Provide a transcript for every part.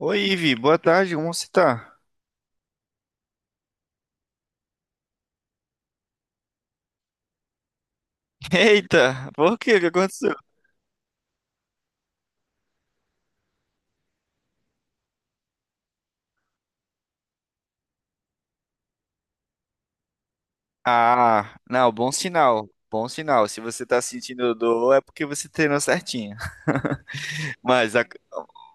Oi, Ivi, boa tarde, como você tá? Eita, por quê? O que aconteceu? Ah, não, bom sinal, bom sinal. Se você tá sentindo dor, é porque você treinou certinho. Mas,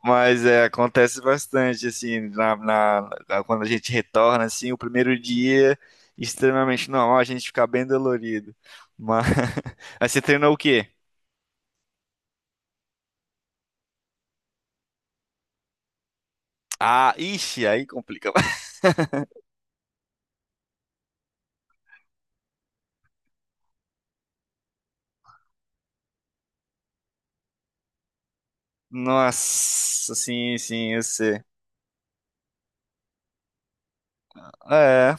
mas é, acontece bastante, assim, quando a gente retorna, assim, o primeiro dia, extremamente normal, a gente ficar bem dolorido. Mas, mas você treinou o quê? Ah, ixi, aí complica. Nossa, sim, sim, eu sei. É,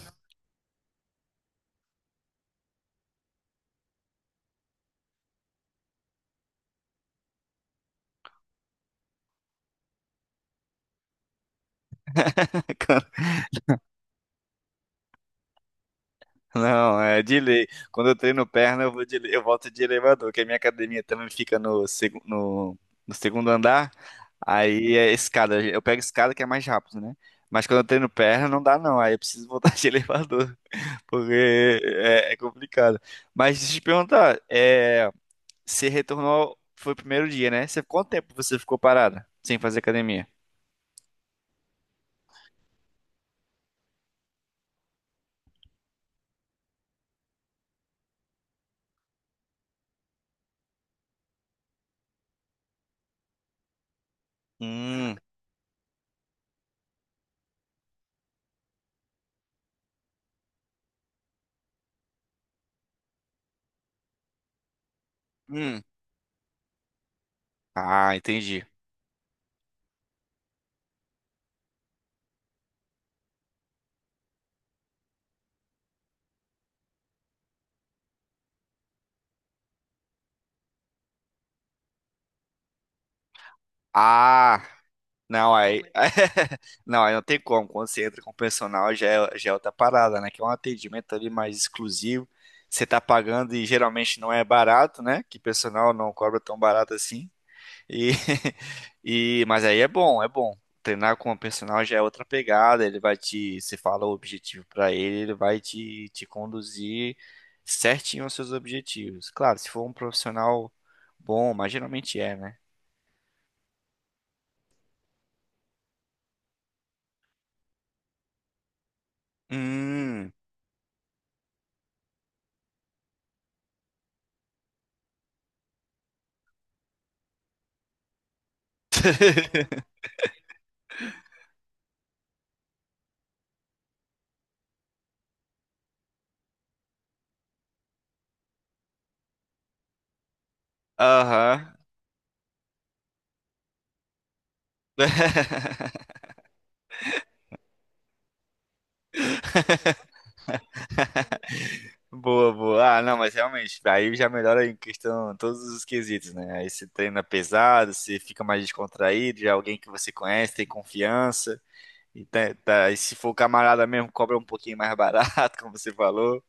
não, é de lei. Quando eu treino perna, eu volto de elevador, porque a minha academia também fica no segundo andar. Aí é escada. Eu pego escada que é mais rápido, né? Mas quando eu treino perna, não dá não. Aí eu preciso voltar de elevador, porque é complicado. Mas deixa eu te perguntar, você retornou, foi o primeiro dia, né? Você, quanto tempo você ficou parada sem fazer academia? Hum, hum. Ah, entendi. Ah. Não, aí. Não, aí não tem como. Quando você entra com o personal, já é outra parada, né? Que é um atendimento ali mais exclusivo. Você tá pagando e geralmente não é barato, né? Que personal não cobra tão barato assim. E, e, mas aí é bom, é bom. Treinar com o personal já é outra pegada. Ele vai te. Você fala o objetivo pra ele, ele vai te conduzir certinho aos seus objetivos. Claro, se for um profissional bom, mas geralmente é, né? Hum. Aham. Boa, boa. Ah, não, mas realmente, aí já melhora em questão todos os quesitos, né? Aí você treina pesado, você fica mais descontraído, já é alguém que você conhece, tem confiança. E, e se for camarada mesmo, cobra um pouquinho mais barato, como você falou.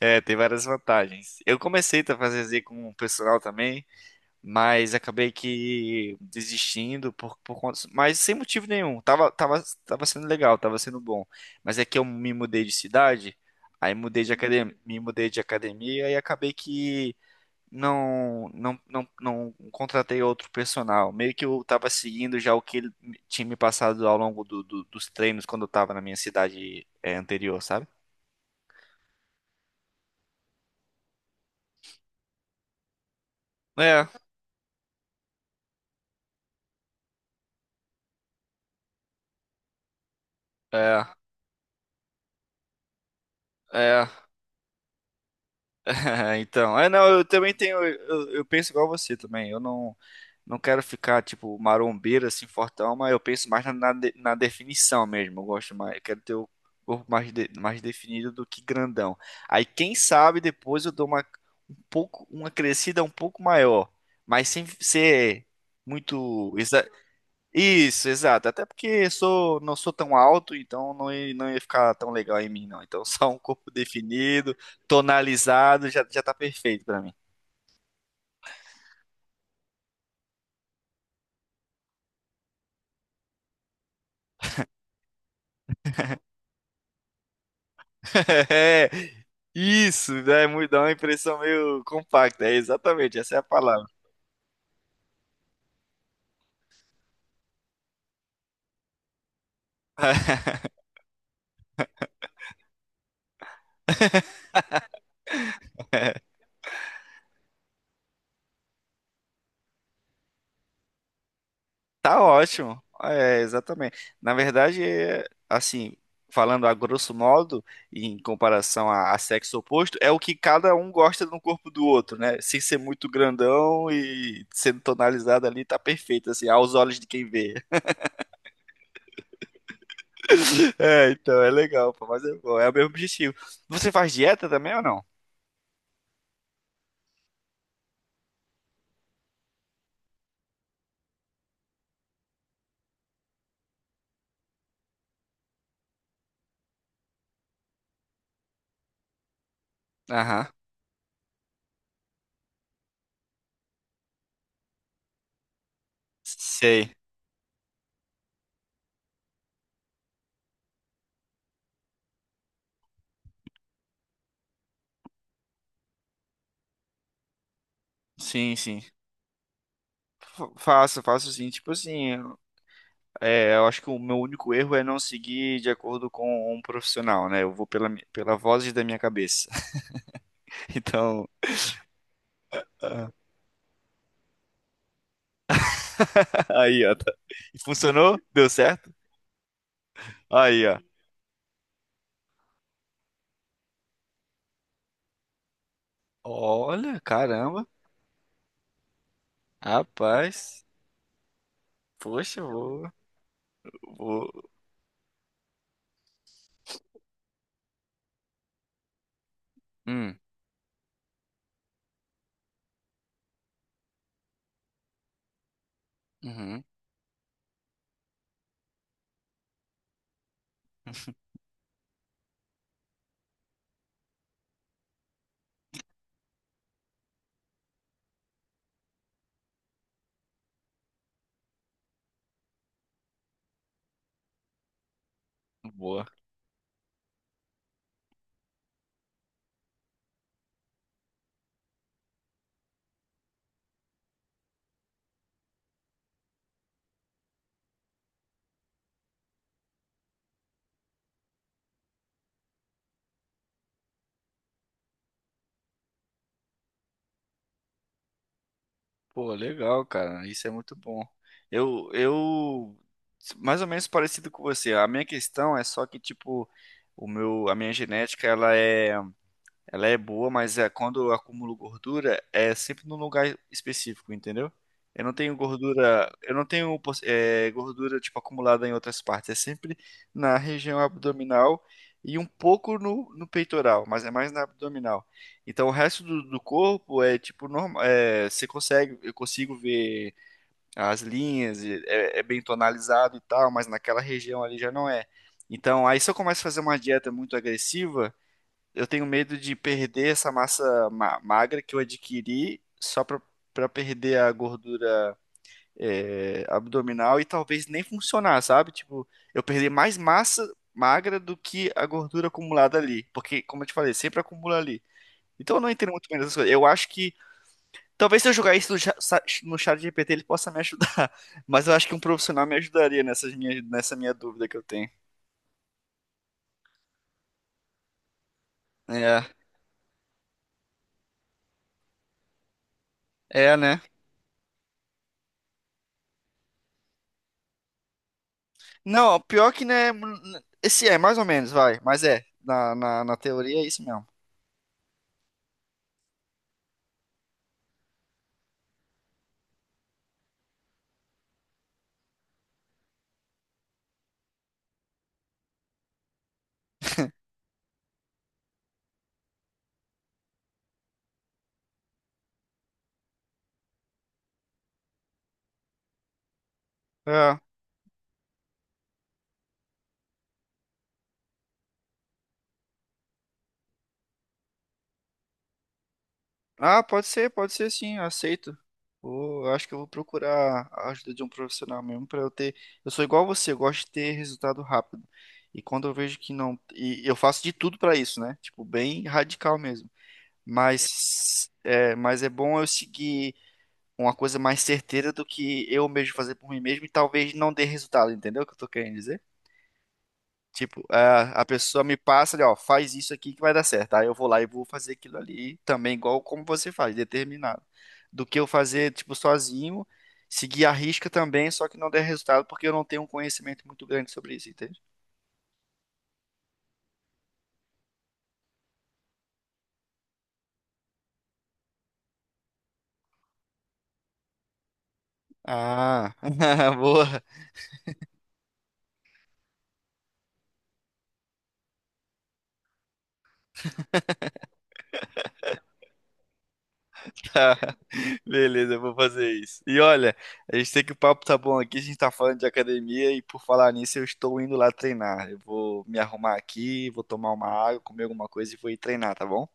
É, tem várias vantagens. Eu comecei a fazer Z com o personal também. Mas acabei que desistindo por conta, mas sem motivo nenhum. Tava sendo legal, tava sendo bom. Mas é que eu me mudei de cidade, aí mudei de academia, me mudei de academia e acabei que não contratei outro personal. Meio que eu tava seguindo já o que ele tinha me passado ao longo dos treinos quando eu tava na minha cidade, é, anterior, sabe? É, é, é. Então, é, não, eu também tenho, eu penso igual você também. Eu não Não quero ficar, tipo, marombeiro, assim, fortão, mas eu penso mais na definição mesmo. Eu gosto mais, eu quero ter o corpo mais, mais definido do que grandão. Aí, quem sabe, depois eu dou uma, um pouco, uma crescida um pouco maior, mas sem ser muito. Isso, exato. Até porque eu sou, não sou tão alto, então não ia ficar tão legal em mim, não. Então, só um corpo definido, tonalizado, já tá perfeito pra mim. É, isso, né? Dá uma impressão meio compacta. É exatamente, essa é a palavra. Tá ótimo. É, exatamente. Na verdade, é, assim, falando a grosso modo, em comparação a sexo oposto, é o que cada um gosta no corpo do outro, né? Sem ser muito grandão e sendo tonalizado ali, tá perfeito, assim, aos olhos de quem vê. É, então, é legal, pô, mas é bom, é o mesmo objetivo. Você faz dieta também ou não? Aham. Sei. Sim, sim. Faço, faço sim. Tipo assim, é, eu acho que o meu único erro é não seguir de acordo com um profissional, né? Eu vou pela voz da minha cabeça. Então, aí, ó. Tá. E funcionou? Deu certo? Aí, ó. Olha, caramba. Rapaz. Poxa, vou. Hum, uhum, boa. Pô, legal, cara. Isso é muito bom. Eu, eu, mais ou menos parecido com você. A minha questão é só que, tipo, a minha genética, ela é boa, mas é, quando eu acumulo gordura, é sempre num lugar específico, entendeu? Eu não tenho gordura, eu não tenho gordura tipo acumulada em outras partes, é sempre na região abdominal e um pouco no peitoral, mas é mais na abdominal. Então o resto do, do corpo é tipo normal, é, eu consigo ver as linhas, e é bem tonalizado e tal, mas naquela região ali já não é. Então aí se eu começo a fazer uma dieta muito agressiva eu tenho medo de perder essa massa magra que eu adquiri só pra perder a gordura é, abdominal e talvez nem funcionar, sabe? Tipo, eu perder mais massa magra do que a gordura acumulada ali. Porque, como eu te falei, sempre acumula ali. Então eu não entendo muito bem dessas coisas. Eu acho que. Talvez se eu jogar isso no no chat GPT ele possa me ajudar. Mas eu acho que um profissional me ajudaria nessa minha dúvida que eu tenho. É, né? Não, pior que né. Esse é, mais ou menos, vai. Mas é. Na teoria é isso mesmo. É. Ah, pode ser sim, eu aceito. Eu acho que eu vou procurar a ajuda de um profissional mesmo pra eu ter. Eu sou igual você, eu gosto de ter resultado rápido. E quando eu vejo que não. E eu faço de tudo pra isso, né? Tipo, bem radical mesmo. Mas é bom eu seguir uma coisa mais certeira do que eu mesmo fazer por mim mesmo e talvez não dê resultado, entendeu o que eu tô querendo dizer? Tipo, a pessoa me passa ali, ó, faz isso aqui que vai dar certo. Aí eu vou lá e vou fazer aquilo ali também, igual como você faz, determinado. Do que eu fazer, tipo, sozinho, seguir a risca também, só que não der resultado porque eu não tenho um conhecimento muito grande sobre isso, entende? Ah, boa. Tá. Beleza, eu vou fazer isso. E olha, a gente tem que o papo tá bom aqui, a gente tá falando de academia e por falar nisso, eu estou indo lá treinar. Eu vou me arrumar aqui, vou tomar uma água, comer alguma coisa e vou ir treinar, tá bom?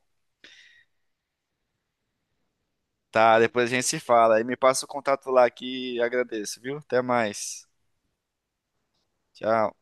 Tá, depois a gente se fala. Aí me passa o contato lá que agradeço, viu? Até mais. Tchau.